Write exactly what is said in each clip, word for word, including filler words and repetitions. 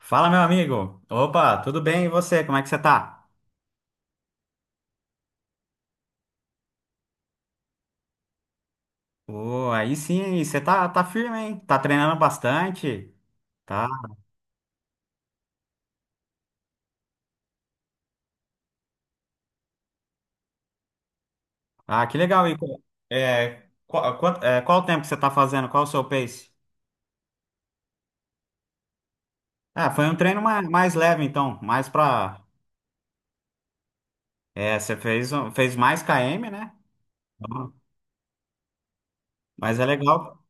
Fala, meu amigo. Opa, tudo bem? E você? Como é que você tá? Ô, aí sim, aí você tá, tá firme, hein? Tá treinando bastante, tá? Ah, que legal. E, co- é, qual, quanto- é, qual o tempo que você tá fazendo? Qual o seu pace? Ah, foi um treino mais, mais leve, então. Mais pra. É, você fez, um- fez mais km, né? Então, mas é legal.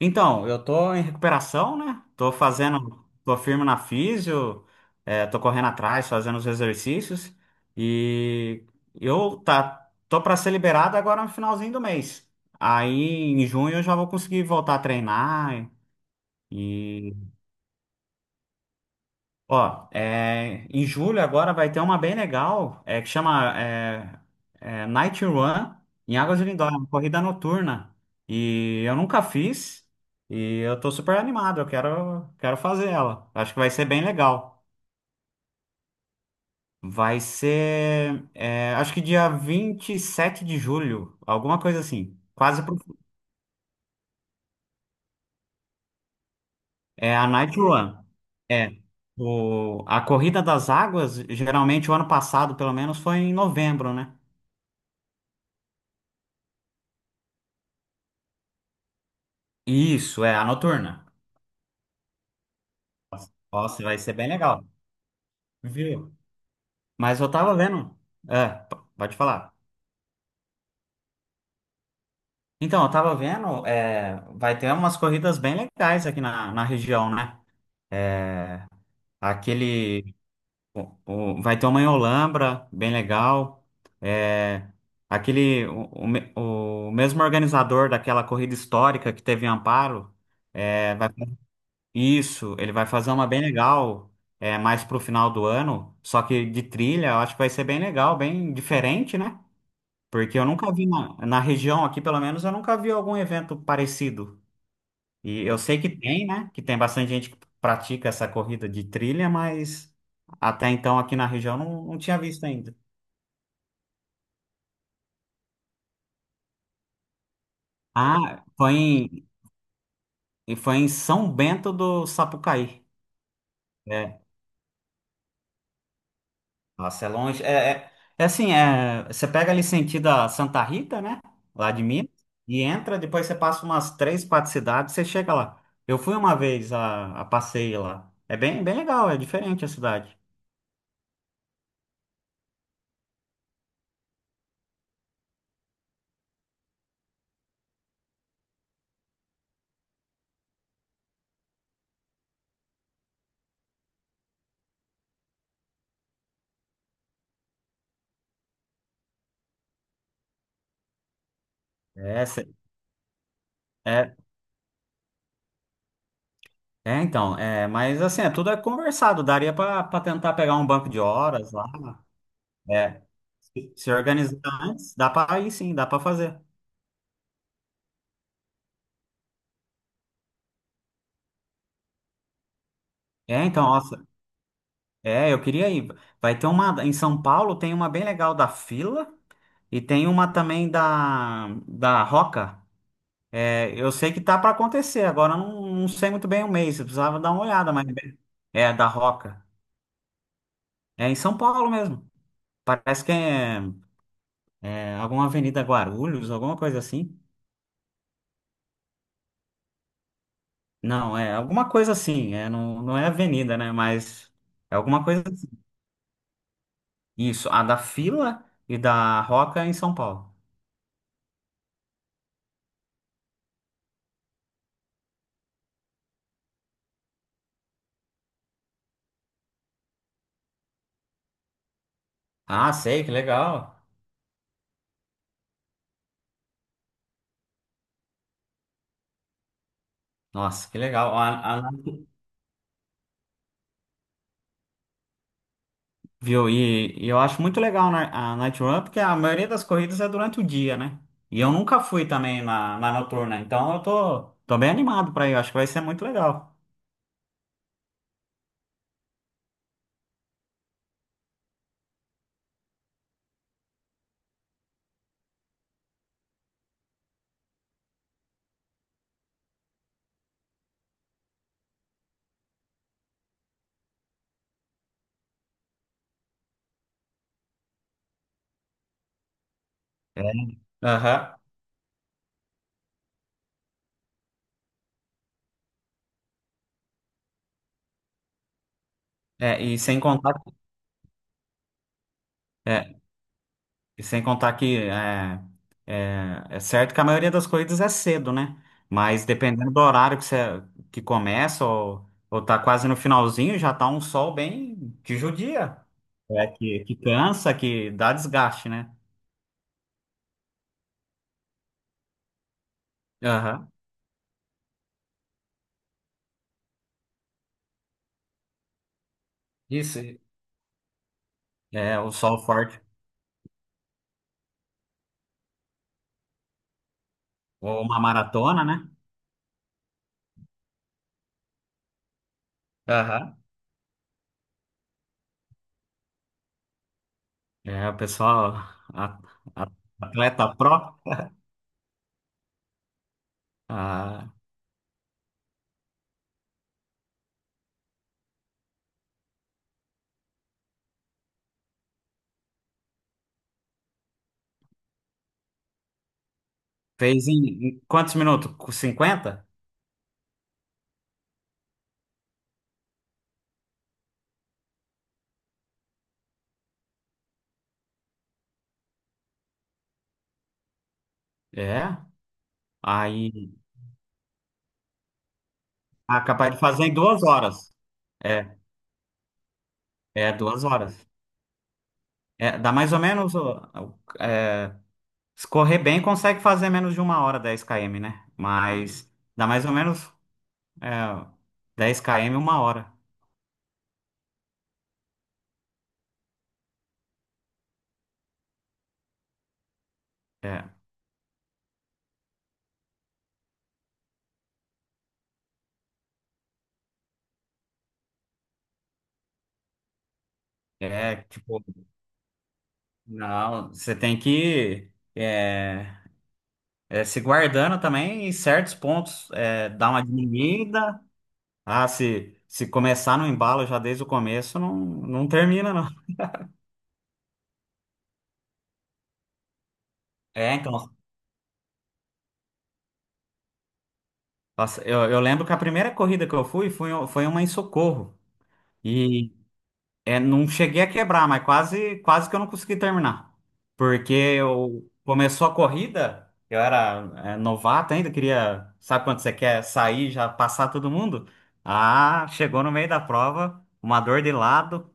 Então, eu tô em recuperação, né? Tô fazendo, tô firme na físio, é, tô correndo atrás, fazendo os exercícios e eu tá, tô para ser liberado agora no finalzinho do mês. Aí em junho eu já vou conseguir voltar a treinar e Ó, é, em julho agora vai ter uma bem legal, é, que chama é, é, Night Run, em Águas de Lindóia, uma corrida noturna. E eu nunca fiz, e eu tô super animado, eu quero, quero fazer ela. Acho que vai ser bem legal. Vai ser, é, acho que dia vinte e sete de julho, alguma coisa assim. Quase pro. É a Night Run. É. O, a Corrida das Águas, geralmente o ano passado, pelo menos, foi em novembro, né? Isso, é a noturna. Nossa, vai ser bem legal. Viu? Mas eu tava vendo. É, p- pode falar. Então, eu tava vendo, é, vai ter umas corridas bem legais aqui na, na região, né? Aquele. o- o- vai ter uma em Olambra, bem legal. É, aquele. O, o, me- o mesmo organizador daquela corrida histórica que teve em Amparo, é, vai Isso, ele vai fazer uma bem legal, é, mais pro final do ano, só que de trilha, eu acho que vai ser bem legal, bem diferente, né? Porque eu nunca vi na, na região aqui, pelo menos, eu nunca vi algum evento parecido. E eu sei que tem, né? Que tem bastante gente que pratica essa corrida de trilha, mas até então aqui na região não, não tinha visto ainda. Ah, foi em, e foi em São Bento do Sapucaí. É, nossa, é longe. É, é, é assim, é, você pega ali sentido a Santa Rita, né? Lá de Minas, e entra, depois você passa umas três, quatro cidades, você chega lá. Eu fui uma vez a, a passeio lá. É bem, bem legal, é diferente a cidade. É, cê- é, é então, é, mas assim, é, tudo é conversado. Daria pra pra tentar pegar um banco de horas lá. É, se, se organizar antes, dá pra ir sim, dá pra fazer. É, então, nossa, é, eu queria ir. Vai ter uma, em São Paulo tem uma bem legal da Fila. E tem uma também da, da Roca. É, eu sei que tá para acontecer, agora eu não, não sei muito bem o mês, eu precisava dar uma olhada, mas é da Roca. É em São Paulo mesmo. Parece que é, é alguma Avenida Guarulhos, alguma coisa assim. Não, é alguma coisa assim. É, não, não é avenida, né? Mas é alguma coisa assim. Isso, a da Fila e da Roca em São Paulo. Ah, sei, que legal. Nossa, que legal. A, viu? E, e eu acho muito legal na- a Night Run, porque a maioria das corridas é durante o dia, né? E eu nunca fui também na, na noturna, então eu tô, tô bem animado pra ir, eu acho que vai ser muito legal. É. Aham. É, e sem contar, é, e sem contar que é, é, É certo que a maioria das corridas é cedo, né? Mas dependendo do horário que, você, que começa ou, ou tá quase no finalzinho, já tá um sol bem que judia. É, que, que cansa, que dá desgaste, né? Aham. Isso, é o sol forte. Ou uma maratona, né? Aham. É, o pessoal, a- a- atleta pró, ah, fez em, em quantos minutos? Com cinquenta? É. Aí, ah, capaz de fazer em duas horas. É, é duas horas. É, dá mais ou menos. Ó, ó. É, se correr bem, consegue fazer menos de uma hora dez quilômetros, né? Mas dá mais ou menos é, dez quilômetros, uma hora. É, é tipo. Não, você tem que é, é, se guardando também em certos pontos, é, dar uma diminuída. Ah, se, se começar no embalo já desde o começo, não, não termina, não. É, então, nossa, eu, eu lembro que a primeira corrida que eu fui foi, um, foi uma em Socorro. É, não cheguei a quebrar, mas quase, quase que eu não consegui terminar. Porque eu começou a corrida, eu era é, novato ainda, queria, sabe quando você quer sair, já passar todo mundo? Ah, chegou no meio da prova, uma dor de lado,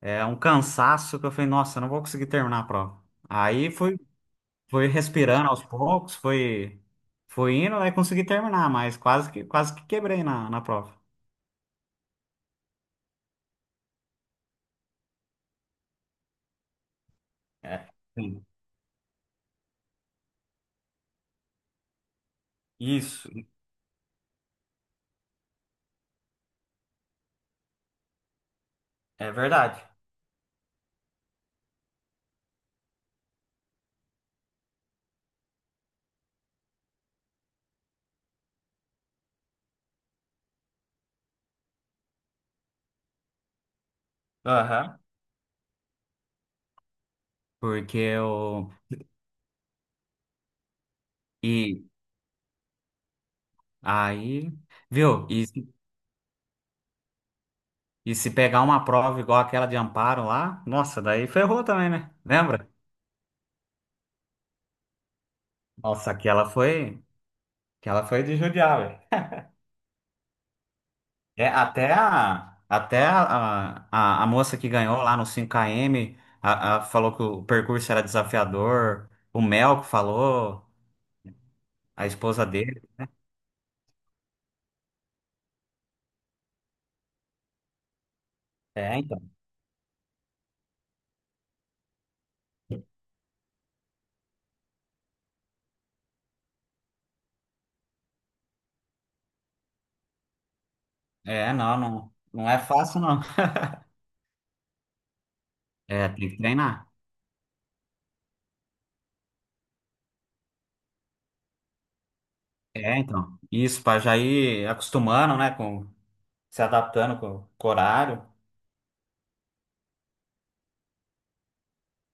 é, um cansaço que eu falei, nossa, eu não vou conseguir terminar a prova. Aí fui, fui respirando aos poucos, fui, fui indo, aí consegui terminar, mas quase que, quase que quebrei na, na prova. É, sim. Isso, é verdade. Aham. Porque eu. E aí, viu? E, e se pegar uma prova igual aquela de Amparo lá, nossa, daí ferrou também, né? Lembra? Nossa, aquela foi. Aquela foi de judiar, velho. É, até a, até a, a, a moça que ganhou lá no cinco quilômetros a, a- falou que o percurso era desafiador. O Melco falou, a esposa dele. É, então. É, não, não, não é fácil, não. É, tem que treinar. É, então. Isso, para já ir acostumando, né, com, se adaptando com, com o horário.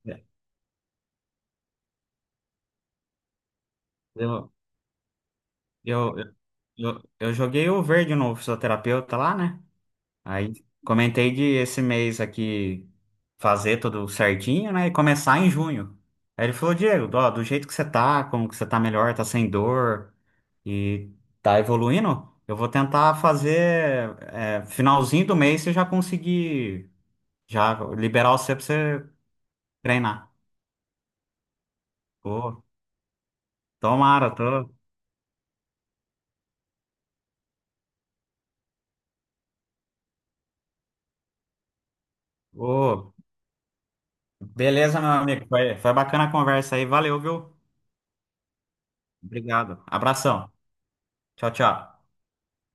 É, Eu, eu, eu, eu eu joguei o verde no fisioterapeuta lá, né? Aí comentei de esse mês aqui fazer tudo certinho, né? E começar em junho. Aí ele falou, Diego, ó, do jeito que você tá, como que você tá melhor, tá sem dor e tá evoluindo, eu vou tentar fazer é, finalzinho do mês você já conseguir já liberar você pra você treinar. Pô, tomara, tô. Ô, beleza, meu amigo. Foi, foi bacana a conversa aí. Valeu, viu? Obrigado. Abração. Tchau, tchau.